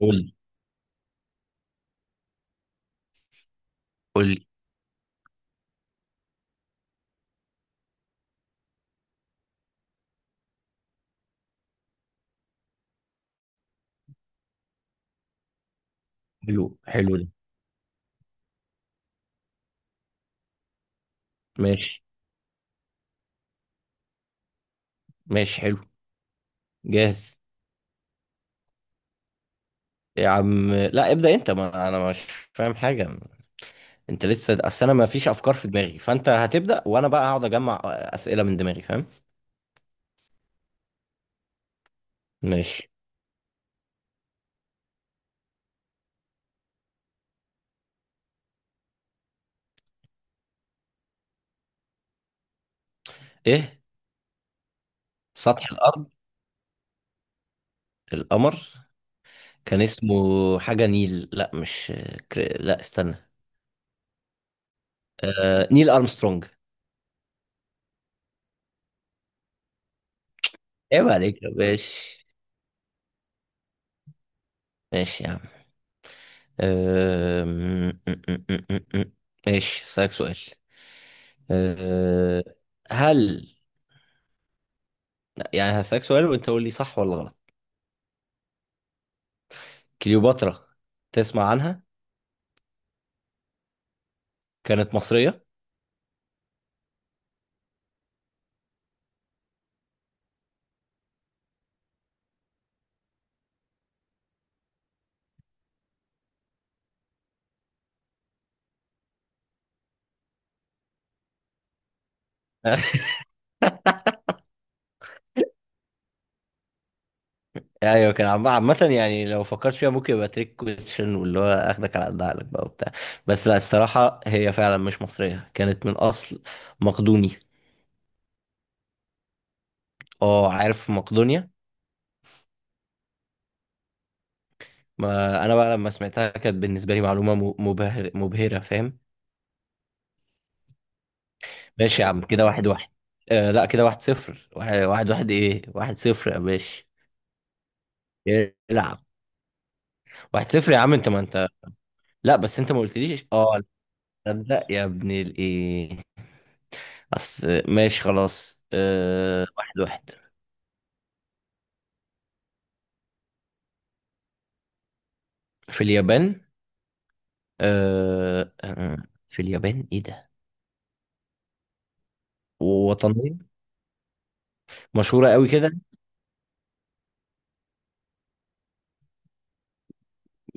قول قول. حلو حلو ده. ماشي. ماشي حلو. جاهز. يا عم لا ابدأ انت، ما انا مش فاهم حاجة. انت لسه، اصل انا ما فيش افكار في دماغي، فانت هتبدأ وانا بقى هقعد اجمع اسئلة من دماغي، فاهم؟ ماشي. ايه؟ سطح الارض، القمر. كان اسمه حاجة نيل، لا مش لا استنى. نيل ارمسترونج. عيب عليك يا باشا. ماشي يا عم. أم، م- م- م- م- م. ماشي، هسألك سؤال. أه، هل، يعني هسألك سؤال وانت قول لي صح ولا غلط. كليوباترا، تسمع عنها؟ كانت مصرية. ايوه كان عامة، يعني لو فكرت فيها ممكن يبقى تريك كويشن، واللي هو اخدك على قد عقلك بقى وبتاع. بس لا، الصراحة هي فعلا مش مصرية، كانت من اصل مقدوني. اه، عارف مقدونيا. ما انا بقى لما سمعتها كانت بالنسبة لي معلومة مبهرة، فاهم؟ ماشي يا عم، كده واحد واحد. آه لا، كده واحد صفر، واحد واحد, واحد، ايه؟ واحد صفر يا باشا. العب. واحد صفر يا عم، انت ما انت. لا بس انت ما قلتليش، اه. لا يا ابن الايه. اصل، ماشي خلاص، واحد واحد. في اليابان. آه آه، في اليابان، ايه ده؟ وطنية. مشهورة قوي كده.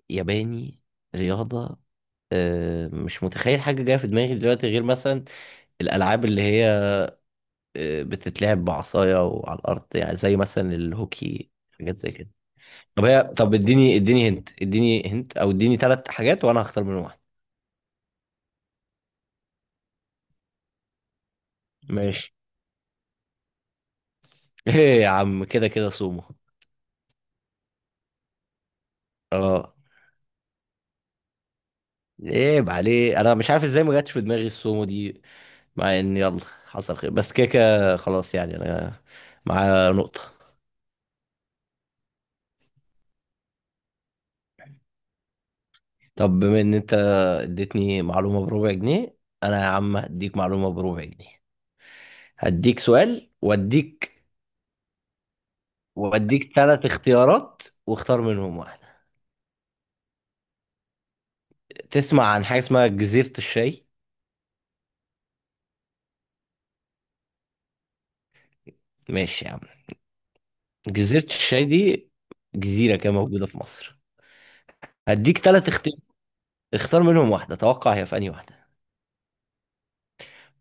ياباني. رياضة. آه، مش متخيل حاجة جاية في دماغي دلوقتي غير مثلا الألعاب اللي هي، بتتلعب بعصاية وعلى الأرض، يعني زي مثلا الهوكي. حاجات زي كده. طب هي، طب اديني اديني هنت، اديني هنت، أو اديني ثلاث حاجات وأنا هختار منهم واحدة. ماشي. ايه يا عم؟ كده كده سومو. اه. عيب عليه، انا مش عارف ازاي ما جاتش في دماغي السومو دي، مع ان يلا حصل خير، بس كده كده خلاص، يعني انا معايا نقطة. طب بما ان انت اديتني معلومة بربع جنيه، انا يا عم هديك معلومة بربع جنيه. هديك سؤال واديك، واديك ثلاث اختيارات واختار منهم واحدة. تسمع عن حاجة اسمها جزيرة الشاي؟ ماشي يا عم. جزيرة الشاي دي، جزيرة كده موجودة في مصر. هديك ثلاث اختيار، اختار منهم واحدة، توقع هي في أنهي واحدة.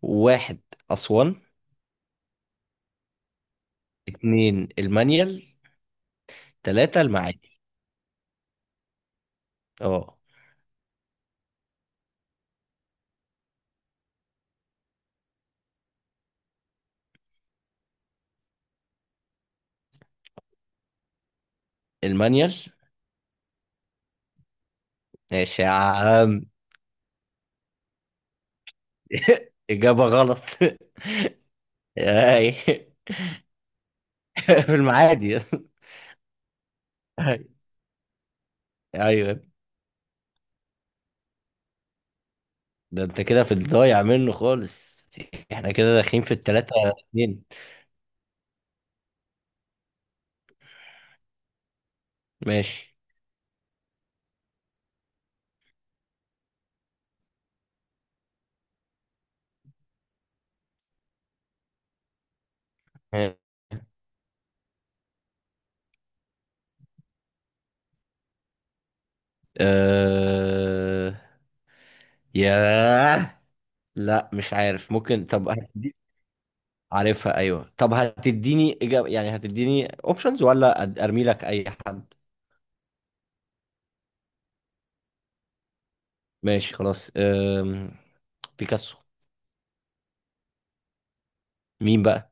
واحد، أسوان. اتنين، المانيال. تلاتة، المعادي. اه، المانيال. ماشي يا عم. إجابة غلط. أي. في المعادي. أيوة. ده انت كده في الضايع منه خالص. احنا كده داخلين في التلاتة. اتنين. ماشي. أه... ياه، لا مش عارف، ممكن طب عارفها، ايوه. طب هتديني اجابة؟ يعني هتديني اوبشنز ولا ارمي لك اي حد؟ ماشي خلاص. بيكاسو. مين بقى؟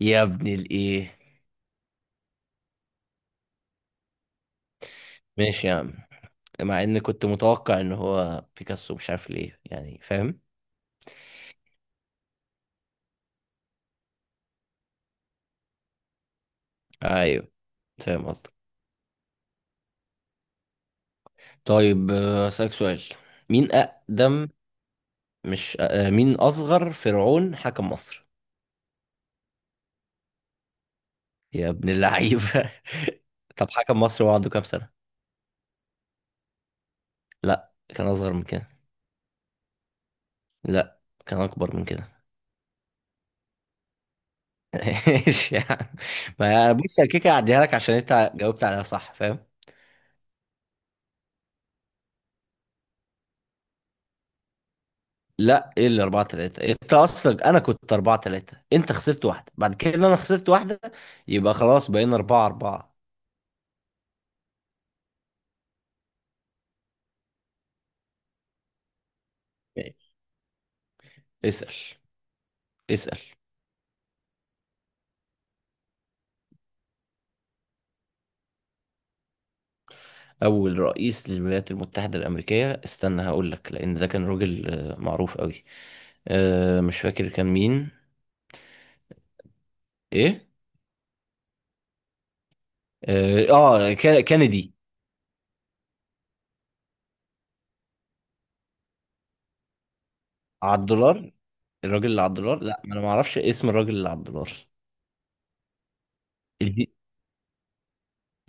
يا ابن الايه. ماشي يا عم، مع ان كنت متوقع ان هو بيكاسو، مش عارف ليه، يعني فاهم. ايوه. فاهم قصدي. طيب، أسألك سؤال. مين أقدم، مش مين أصغر فرعون حكم مصر. يا ابن اللعيبة. طب حكم مصر هو عنده كام سنة؟ لا، كان أصغر من كده. لا، كان أكبر من كده. ايش يعني؟ ما بص، أنا كده كده هعديها لك عشان أنت جاوبت عليها صح، فاهم؟ لا، ايه اللي 4-3؟ انت اصلا انا كنت 4-3، انت خسرت واحده، بعد كده انا خسرت واحده، يبقى خلاص بقينا 4-4. اسال اسال. اول رئيس للولايات المتحده الامريكيه، استنى هقول لك، لان ده كان راجل معروف قوي. مش فاكر كان مين. ايه؟ اه. كينيدي. على الدولار. الراجل اللي على الدولار؟ لا، ما انا ما اعرفش اسم الراجل اللي على الدولار. إدي-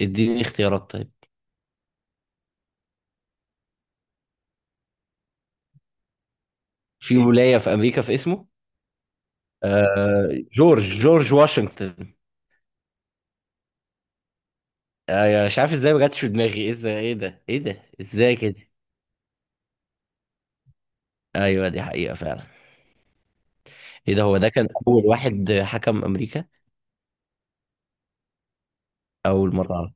اديني اختيارات طيب. في ولايه في امريكا في اسمه. جورج واشنطن. مش عارف ازاي ما جاتش في دماغي، ازاي؟ ايه ده؟ ايه ده؟ ازاي كده؟ ايوه، دي حقيقه فعلا. ايه ده؟ هو ده كان اول واحد حكم امريكا؟ اول مره.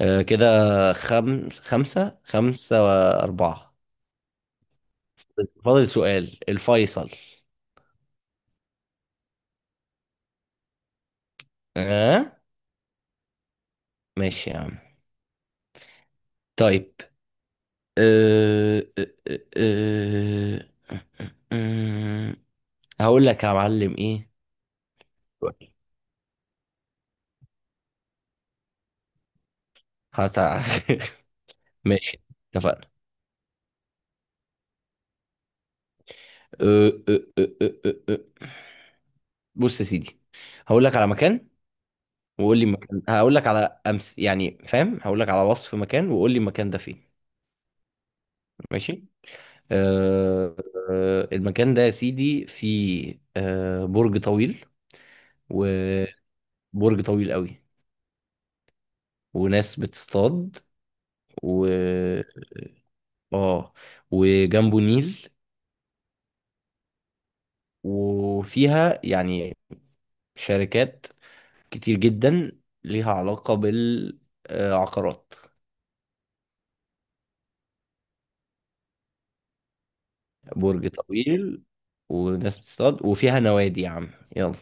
كده، خمسة خمسة وأربعة. فاضل سؤال الفيصل. آه. ماشي يا عم. طيب. أه... أه... أه... أه... هقول لك يا معلم إيه. هت... ماشي، اتفقنا. أه... أه... أه... أه... أه... بص يا سيدي. هقول لك على مكان، وقول لي مكان، هقول لك على أمس يعني، فاهم. هقول لك على وصف مكان وقول لي المكان ده فين. ماشي. آه، المكان ده يا سيدي فيه برج طويل، وبرج طويل قوي، وناس بتصطاد، و اه وجنبه نيل، وفيها يعني شركات كتير جدا ليها علاقة بالعقارات. برج طويل، وناس بتصطاد، وفيها نوادي يا عم. يلا،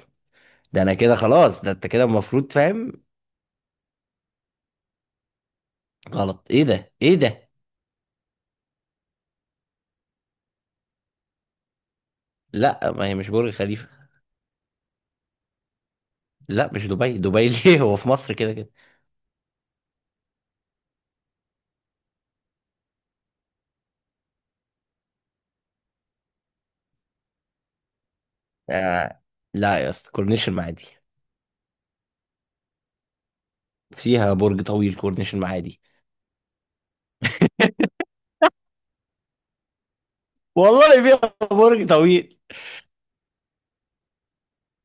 ده انا كده خلاص، ده انت كده المفروض فاهم. غلط. ايه ده؟ ايه ده؟ لا ما هي مش برج خليفة. لا مش دبي. دبي؟ ليه، هو في مصر كده كده. آه. لا يا اسطى، كورنيش المعادي. فيها برج طويل، كورنيش المعادي. والله فيها برج طويل.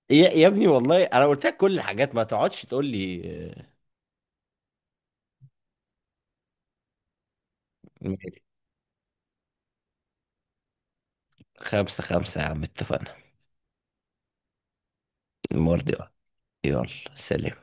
يا ابني، والله انا قلت لك كل الحاجات، ما تقعدش تقول لي. آه، ماشي. خمسة خمسة يا عم، اتفقنا. المرة دي، يلا، سلام.